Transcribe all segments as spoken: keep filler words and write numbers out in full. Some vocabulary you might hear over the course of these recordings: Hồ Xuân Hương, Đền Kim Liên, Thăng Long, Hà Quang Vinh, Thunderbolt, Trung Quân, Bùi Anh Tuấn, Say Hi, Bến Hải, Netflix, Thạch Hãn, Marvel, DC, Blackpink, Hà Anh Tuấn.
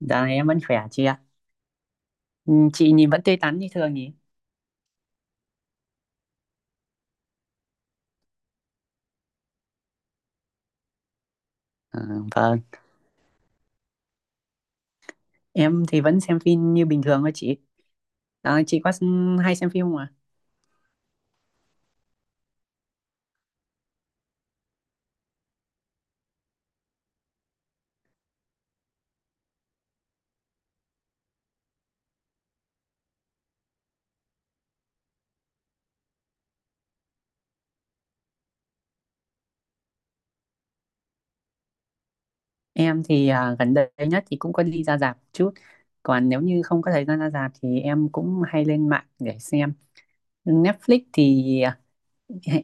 Dạo này em vẫn khỏe chị ạ. Ừ, chị nhìn vẫn tươi tắn như thường nhỉ? Ờ, vâng, em thì vẫn xem phim như bình thường thôi chị. Ờ, chị có s- hay xem phim không ạ? Em thì à, gần đây nhất thì cũng có đi ra rạp chút. Còn nếu như không có thời gian ra rạp thì em cũng hay lên mạng để xem. Netflix thì à,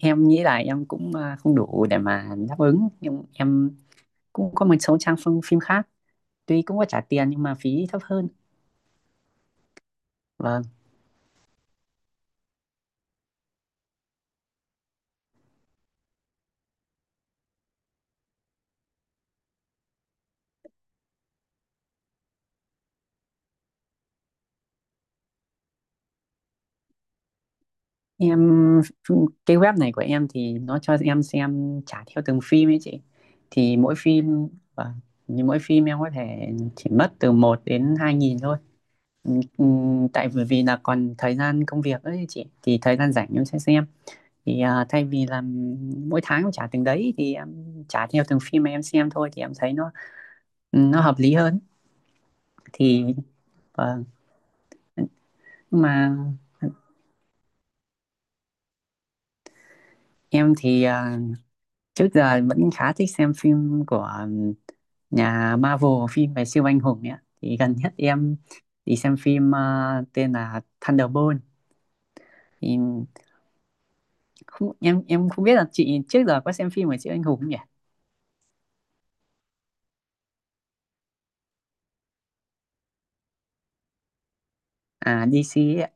em nghĩ là em cũng à, không đủ để mà đáp ứng. Nhưng em cũng có một số trang phim phim khác. Tuy cũng có trả tiền nhưng mà phí thấp hơn. Em, cái web này của em thì nó cho em xem trả theo từng phim ấy chị, thì mỗi phim, và như mỗi phim em có thể chỉ mất từ một đến hai nghìn thôi. Ừm, ừm, tại bởi vì là còn thời gian công việc ấy chị, thì thời gian rảnh em sẽ xem. Thì à, thay vì là mỗi tháng em trả từng đấy thì em trả theo từng phim mà em xem thôi, thì em thấy nó nó hợp lý hơn. Thì vâng. Nhưng mà em thì à, trước giờ vẫn khá thích xem phim của ừm, nhà Marvel, phim về siêu anh hùng ấy ạ. Thì gần nhất em đi xem phim ờ, tên là Thunderbolt. Thì không, em em không biết là chị trước giờ có xem phim về siêu anh hùng không nhỉ? À, đê xê ấy ạ.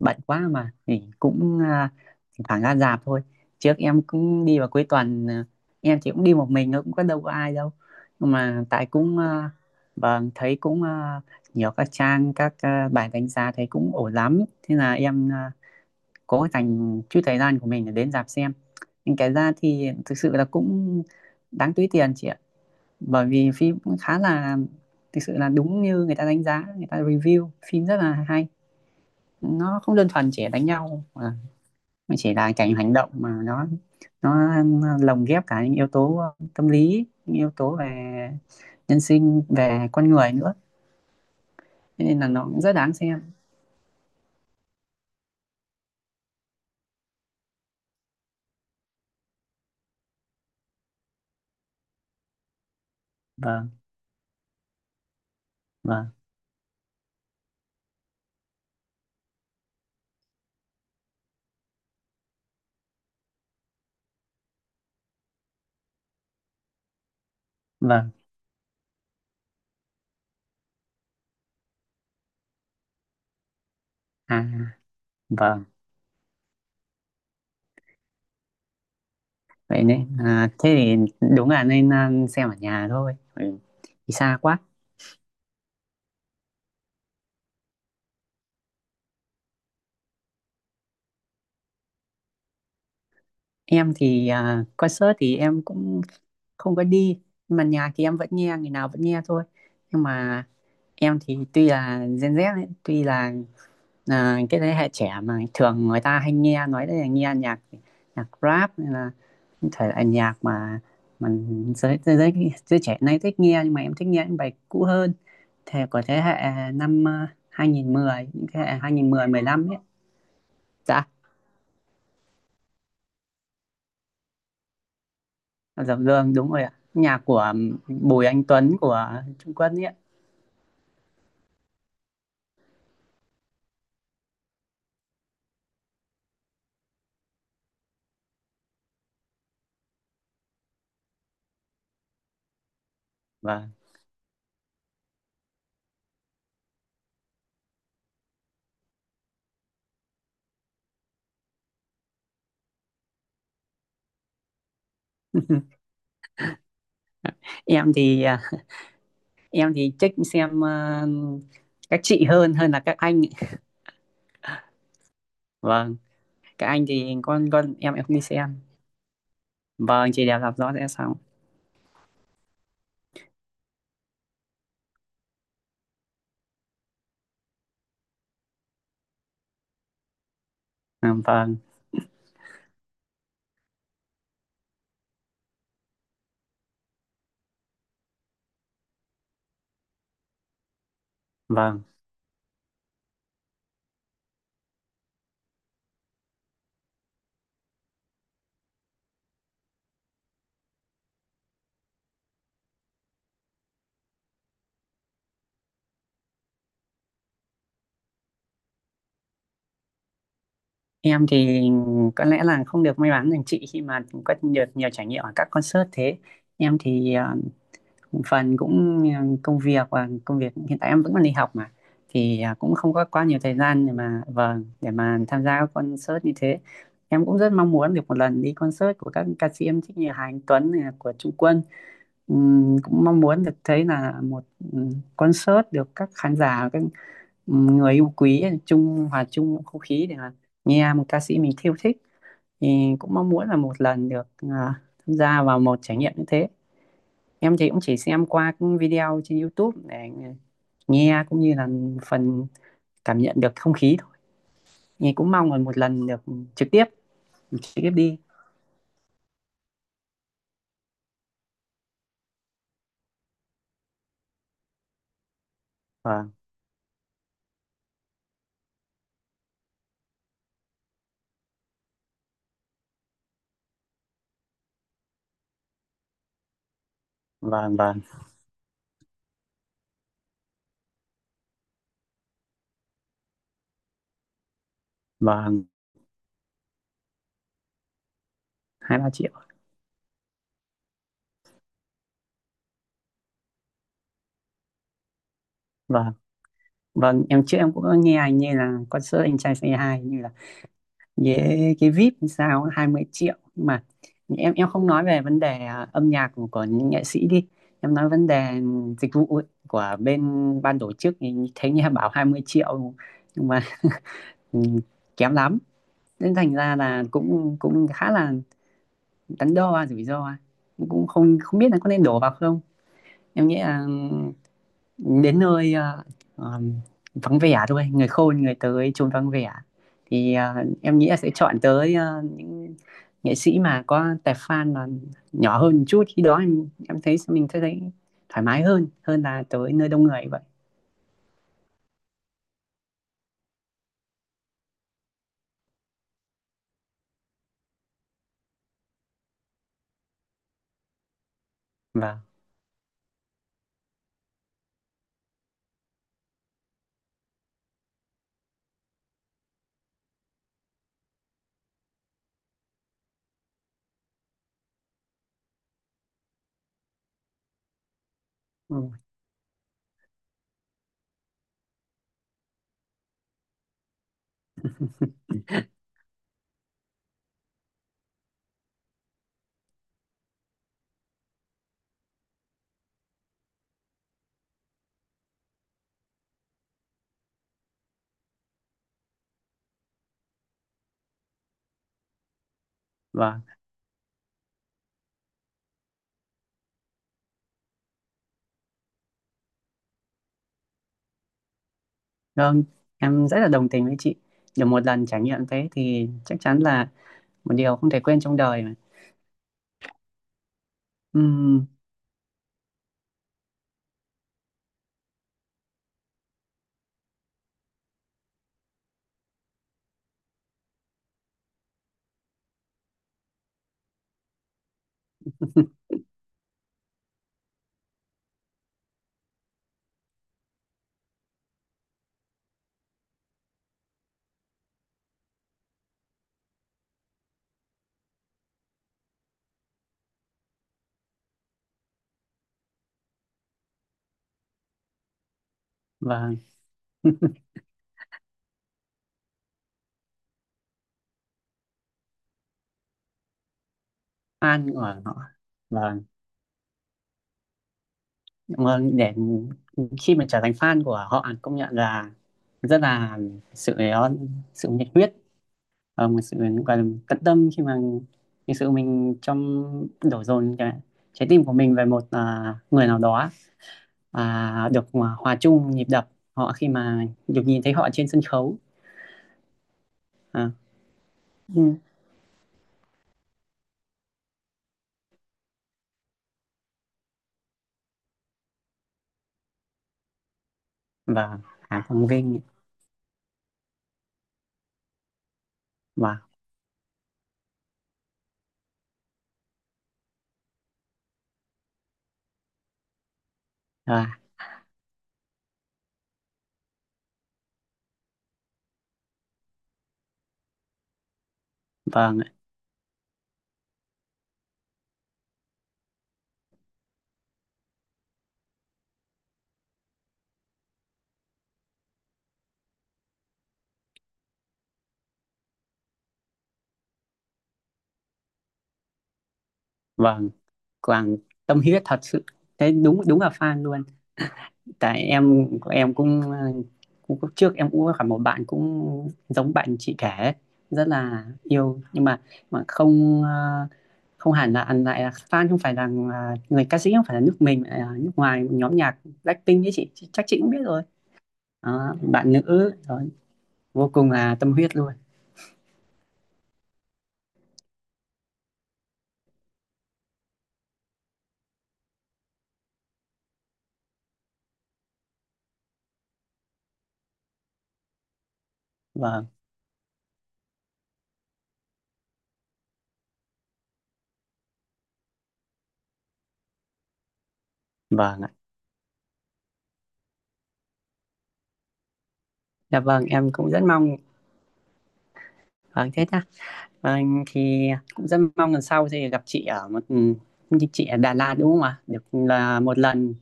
Bận quá mà thì cũng à, thỉnh thoảng ra rạp thôi. Trước em cũng đi vào cuối tuần, à, em chỉ cũng đi một mình, nó cũng có đâu có ai đâu, nhưng mà tại cũng à, vâng, thấy cũng à, nhiều các trang, các à, bài đánh giá thấy cũng ổn lắm, thế là em à, cố dành chút thời gian của mình để đến rạp xem. Nhưng cái ra thì thực sự là cũng đáng túi tiền chị ạ, bởi vì phim cũng khá là, thực sự là đúng như người ta đánh giá, người ta review phim rất là hay. Nó không đơn thuần chỉ đánh nhau à, nó chỉ là cái hành động, mà nó nó lồng ghép cả những yếu tố ờ, tâm lý, những yếu tố về nhân sinh, về con người nữa. Thế nên là nó cũng rất đáng xem. Vâng, vâng, vâng. À, vâng. Vậy nên à, thế thì đúng là nên à, xem ở nhà thôi, ừ. Thì xa quá. Em thì à, concert thì em cũng không có đi, nhưng mà nhà thì em vẫn nghe, ngày nào vẫn nghe thôi. Nhưng mà em thì tuy là Gen Z ấy, tuy là à, cái thế hệ trẻ mà thường người ta hay nghe nói đấy, là nghe nhạc, nhạc rap hay là những thể loại nhạc mà mình, giới giới giới giới trẻ nay thích nghe, nhưng mà em thích nghe những bài cũ hơn, thế của thế hệ năm ờ, hai à, hai không một không, những thế hệ hai không một không mười lăm ấy. Dạ. Dập Dương đúng rồi ạ, nhạc của Bùi Anh Tuấn, của Trung Quốc ấy ạ. Vâng. em thì à, em thì thích xem à, các chị hơn, hơn là các anh ấy. Vâng, các anh thì con con em em không đi xem. Vâng, chị đẹp làm rõ sẽ xong. À, vâng, vâng. Em thì có lẽ là không được may mắn bằng chị, khi mà có được nhiều trải nghiệm ở các concert thế. Em thì à, phần cũng à, công việc, và công việc hiện tại em vẫn còn đi học mà, thì à, cũng không có quá nhiều thời gian để mà, vâng, để mà tham gia các concert như thế. Em cũng rất mong muốn được một lần đi concert của các ca sĩ em thích, như Hà Anh Tuấn này, của Trung Quân. Ừm, cũng mong muốn được thấy là một, ừm, concert được các khán giả, các, ừm, người yêu quý chung, hòa chung một không khí để mà nghe một ca sĩ mình yêu thích, thì cũng mong muốn là một lần được à, tham gia vào một trải nghiệm như thế. Em thì cũng chỉ xem qua các video trên YouTube để nghe, cũng như là phần cảm nhận được không khí thôi, thì cũng mong là một lần được trực tiếp, trực tiếp đi. Vâng, vâng, vâng, vâng. Hai ba triệu. Vâng. Vâng, em trước em cũng có nghe anh, như là concert Anh Trai Say Hi, như là với cái vi ai pi hay sao, hai mươi triệu, nhưng mà em em không nói về vấn đề à, âm nhạc của, của những nghệ sĩ đi, em nói vấn đề dịch vụ ấy, của bên ban tổ chức, thì thấy nghe bảo hai mươi triệu nhưng mà, ừ, kém lắm, nên thành ra là cũng, cũng khá là đắn đo, rủi ro, cũng không, không biết là có nên đổ vào không. Em nghĩ là, ừ, đến nơi, ờ, ờm, vắng vẻ thôi, người khôn người tới chốn vắng vẻ, thì ờ, em nghĩ là sẽ chọn tới ờ, những nghệ sĩ mà có tài, fan mà nhỏ hơn một chút, khi đó em, em thấy mình sẽ thấy thoải mái hơn, hơn là tới nơi đông người vậy. Và. Vâng, vâng, em rất là đồng tình với chị. Được một lần trải nghiệm thế thì chắc chắn là một điều không thể quên trong đời mà. Ừm. vâng, fan của họ. Vâng. Mà để khi mà trở thành fan của họ, công nhận là rất là sự, uh, sự nhiệt huyết, ờ, một sự gọi là tận tâm, khi mà thực sự mình trong, đổ dồn cái trái tim của mình về một, à, người nào đó, à, được hòa hòa chung nhịp đập họ, khi mà được nhìn thấy họ trên sân khấu. À. Ừ. Và Hà Quang Vinh. và và và ạ. Vâng, tâm huyết thật sự, thế đúng, đúng là fan luôn. Tại em em cũng, ờ, cũng trước em cũng có gặp một bạn cũng giống bạn chị kể, rất là yêu, nhưng mà mà không, ờ, không hẳn là ăn lại là fan, không phải là, ờ, người ca sĩ không phải là nước mình, là nước ngoài, nhóm nhạc Blackpink ấy chị, chắc chị cũng biết rồi. Đó, bạn nữ rồi, vô cùng là tâm huyết luôn. Vâng, vâng ạ. Dạ vâng, em cũng rất mong. Vâng thế ta, vâng thì cũng rất mong lần sau thì gặp chị ở một, chị ở Đà Lạt đúng không ạ, được là một lần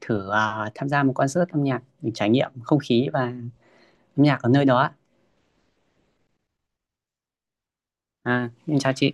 thử à, tham gia một concert âm nhạc, để trải nghiệm không khí và âm nhạc ở nơi đó ạ. À, em chào chị.